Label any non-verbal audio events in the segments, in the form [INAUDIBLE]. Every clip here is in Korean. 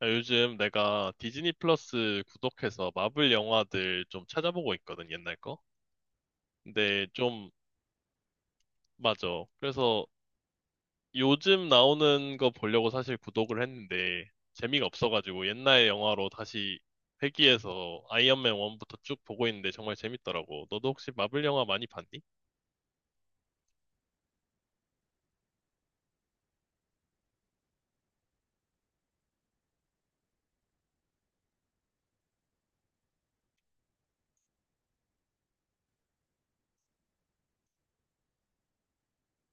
아, 요즘 내가 디즈니 플러스 구독해서 마블 영화들 좀 찾아보고 있거든, 옛날 거. 근데 좀, 맞아. 그래서 요즘 나오는 거 보려고 사실 구독을 했는데 재미가 없어가지고 옛날 영화로 다시 회귀해서 아이언맨 1부터 쭉 보고 있는데 정말 재밌더라고. 너도 혹시 마블 영화 많이 봤니?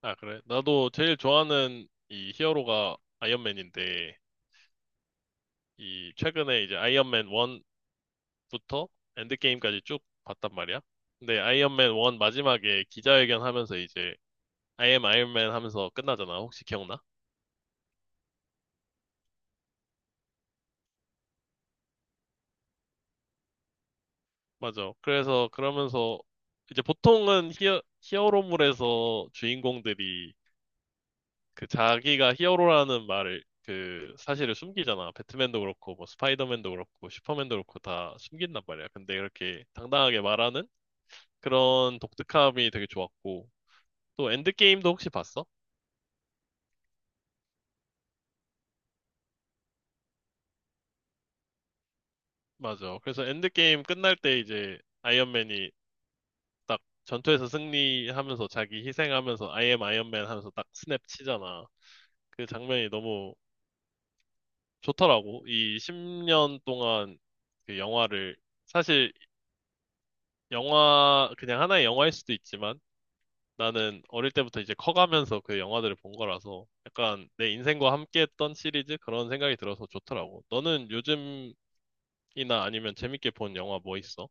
아, 그래. 나도 제일 좋아하는 이 히어로가 아이언맨인데, 이 최근에 이제 아이언맨 1 부터 엔드게임까지 쭉 봤단 말이야. 근데 아이언맨 1 마지막에 기자회견 하면서 이제 I am 아이언맨 하면서 끝나잖아. 혹시 기억나? 맞아. 그래서 그러면서 이제 보통은 히어로물에서 주인공들이 그 자기가 히어로라는 말을 그 사실을 숨기잖아. 배트맨도 그렇고 뭐 스파이더맨도 그렇고 슈퍼맨도 그렇고 다 숨긴단 말이야. 근데 이렇게 당당하게 말하는 그런 독특함이 되게 좋았고 또 엔드게임도 혹시 봤어? 맞아. 그래서 엔드게임 끝날 때 이제 아이언맨이 딱 전투에서 승리하면서 자기 희생하면서 I am 아이언맨 하면서 딱 스냅 치잖아. 그 장면이 너무 좋더라고. 이 10년 동안 그 영화를 사실, 영화 그냥 하나의 영화일 수도 있지만 나는 어릴 때부터 이제 커가면서 그 영화들을 본 거라서 약간 내 인생과 함께했던 시리즈 그런 생각이 들어서 좋더라고. 너는 요즘이나 아니면 재밌게 본 영화 뭐 있어?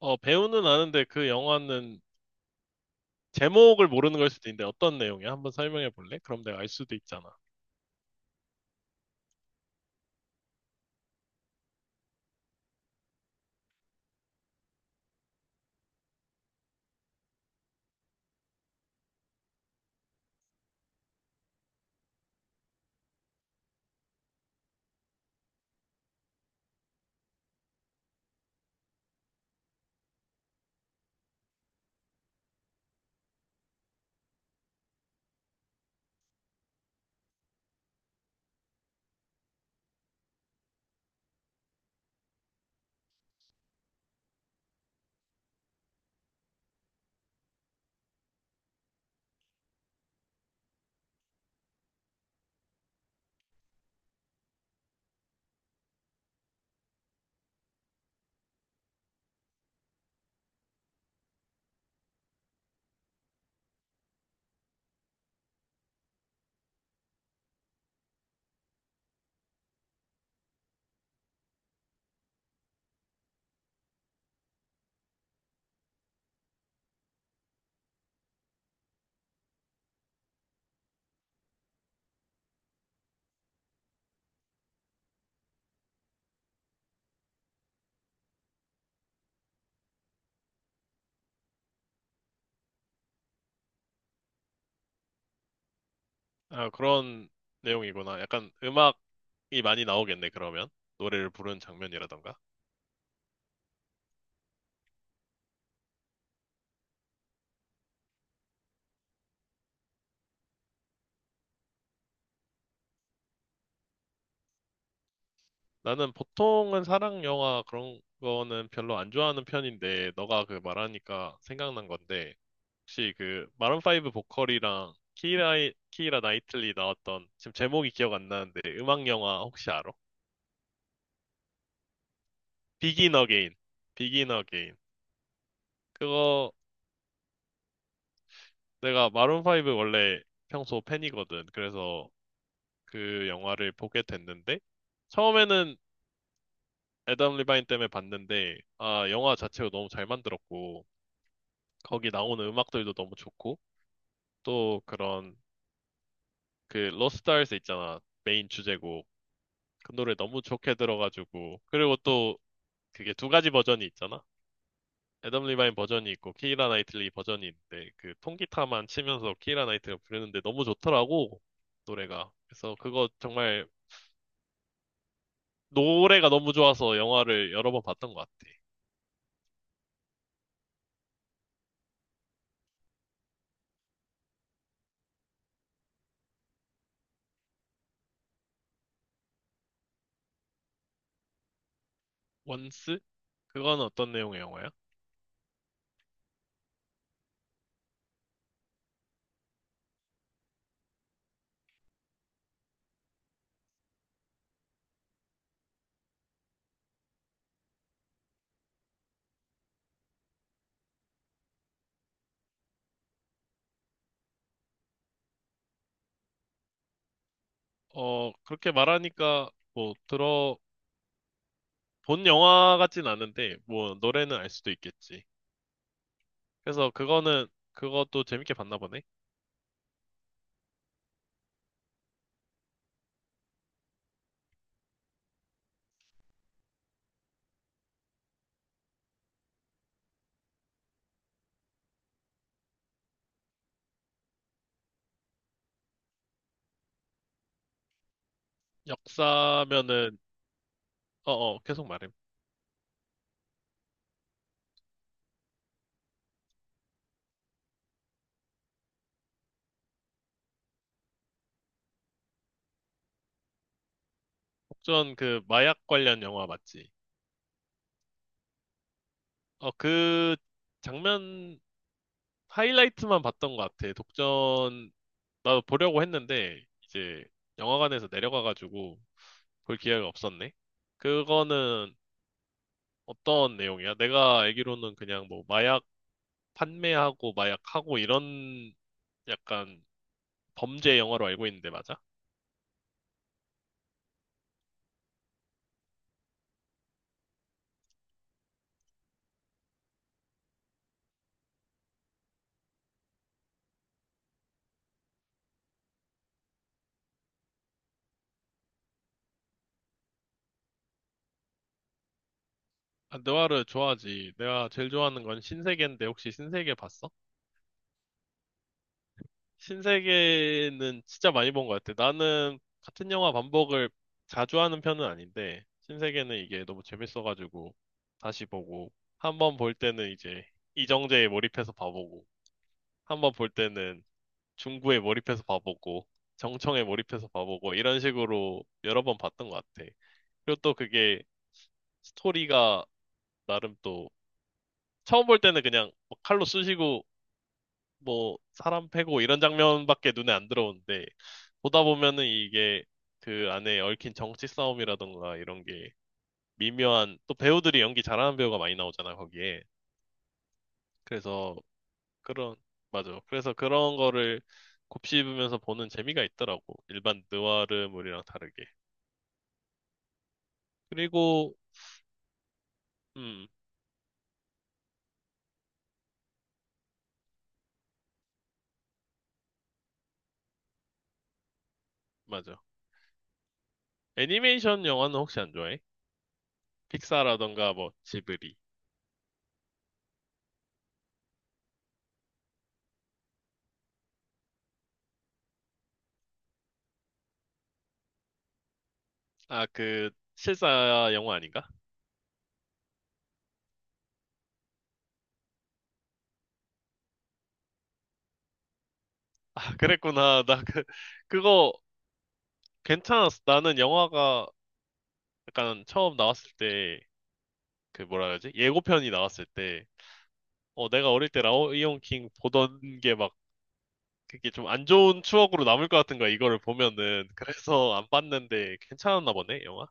어, 배우는 아는데 그 영화는 제목을 모르는 걸 수도 있는데 어떤 내용이야? 한번 설명해 볼래? 그럼 내가 알 수도 있잖아. 아, 그런 내용이구나. 약간 음악이 많이 나오겠네, 그러면. 노래를 부르는 장면이라던가. 나는 보통은 사랑 영화 그런 거는 별로 안 좋아하는 편인데, 너가 그 말하니까 생각난 건데, 혹시 그 마룬5 보컬이랑 키라 나이틀리 나왔던, 지금 제목이 기억 안 나는데, 음악 영화 혹시 알아? 비긴 어게인. 비긴 어게인. 그거 내가 마룬5 원래 평소 팬이거든. 그래서 그 영화를 보게 됐는데, 처음에는 애덤 리바인 때문에 봤는데, 아, 영화 자체가 너무 잘 만들었고, 거기 나오는 음악들도 너무 좋고, 또 그런 그 로스트 알스 있잖아. 메인 주제곡. 그 노래 너무 좋게 들어가지고. 그리고 또 그게 두 가지 버전이 있잖아. 애덤 리바인 버전이 있고 키이라 나이틀리 버전이 있는데 그 통기타만 치면서 키이라 나이틀리가 부르는데 너무 좋더라고. 노래가. 그래서 그거 정말 노래가 너무 좋아서 영화를 여러 번 봤던 것 같아. 원스? 그건 어떤 내용의 영화야? 어, 그렇게 말하니까 뭐 들어 본 영화 같진 않은데 뭐 노래는 알 수도 있겠지. 그래서 그거는, 그것도 재밌게 봤나 보네. 역사면은, 어어 계속 말해. 혹전 그 마약 관련 영화 맞지? 어, 그 장면 하이라이트만 봤던 것 같아. 독전 나도 보려고 했는데 이제 영화관에서 내려가가지고 볼 기회가 없었네. 그거는 어떤 내용이야? 내가 알기로는 그냥 뭐 마약 판매하고 마약하고 이런 약간 범죄 영화로 알고 있는데 맞아? 아, 느와르 좋아하지. 내가 제일 좋아하는 건 신세계인데 혹시 신세계 봤어? 신세계는 진짜 많이 본 것 같아. 나는 같은 영화 반복을 자주 하는 편은 아닌데 신세계는 이게 너무 재밌어가지고 다시 보고 한 번 볼 때는 이제 이정재에 몰입해서 봐보고 한 번 볼 때는 중구에 몰입해서 봐보고 정청에 몰입해서 봐보고 이런 식으로 여러 번 봤던 것 같아. 그리고 또 그게 스토리가 나름 또 처음 볼 때는 그냥 뭐 칼로 쑤시고 뭐 사람 패고 이런 장면밖에 눈에 안 들어오는데 보다 보면은 이게 그 안에 얽힌 정치 싸움이라던가 이런 게 미묘한, 또 배우들이 연기 잘하는 배우가 많이 나오잖아 거기에. 그래서 그런, 맞아, 그래서 그런 거를 곱씹으면서 보는 재미가 있더라고, 일반 느와르물이랑 다르게. 그리고 음 맞아. 애니메이션 영화는 혹시 안 좋아해? 픽사라던가 뭐 지브리. 아, 그 실사 영화 아닌가? 아, 그랬구나. [LAUGHS] 나 그 그거 괜찮았어. 나는 영화가 약간 처음 나왔을 때, 그 뭐라 그러지? 예고편이 나왔을 때, 어, 내가 어릴 때 라이온 킹 보던 게 막, 그게 좀 안 좋은 추억으로 남을 것 같은 거야, 이거를 보면은. 그래서 안 봤는데, 괜찮았나 보네, 영화?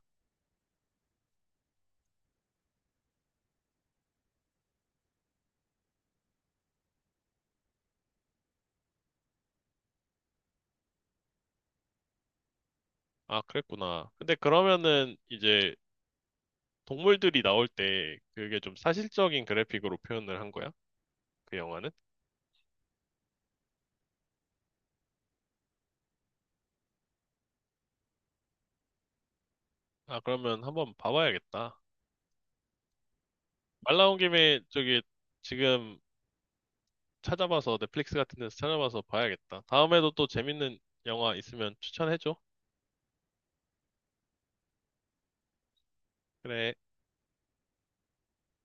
아, 그랬구나. 근데 그러면은, 이제, 동물들이 나올 때, 그게 좀 사실적인 그래픽으로 표현을 한 거야? 그 영화는? 아, 그러면 한번 봐봐야겠다. 말 나온 김에, 저기, 지금, 찾아봐서 넷플릭스 같은 데서 찾아봐서 봐야겠다. 다음에도 또 재밌는 영화 있으면 추천해줘. 그래.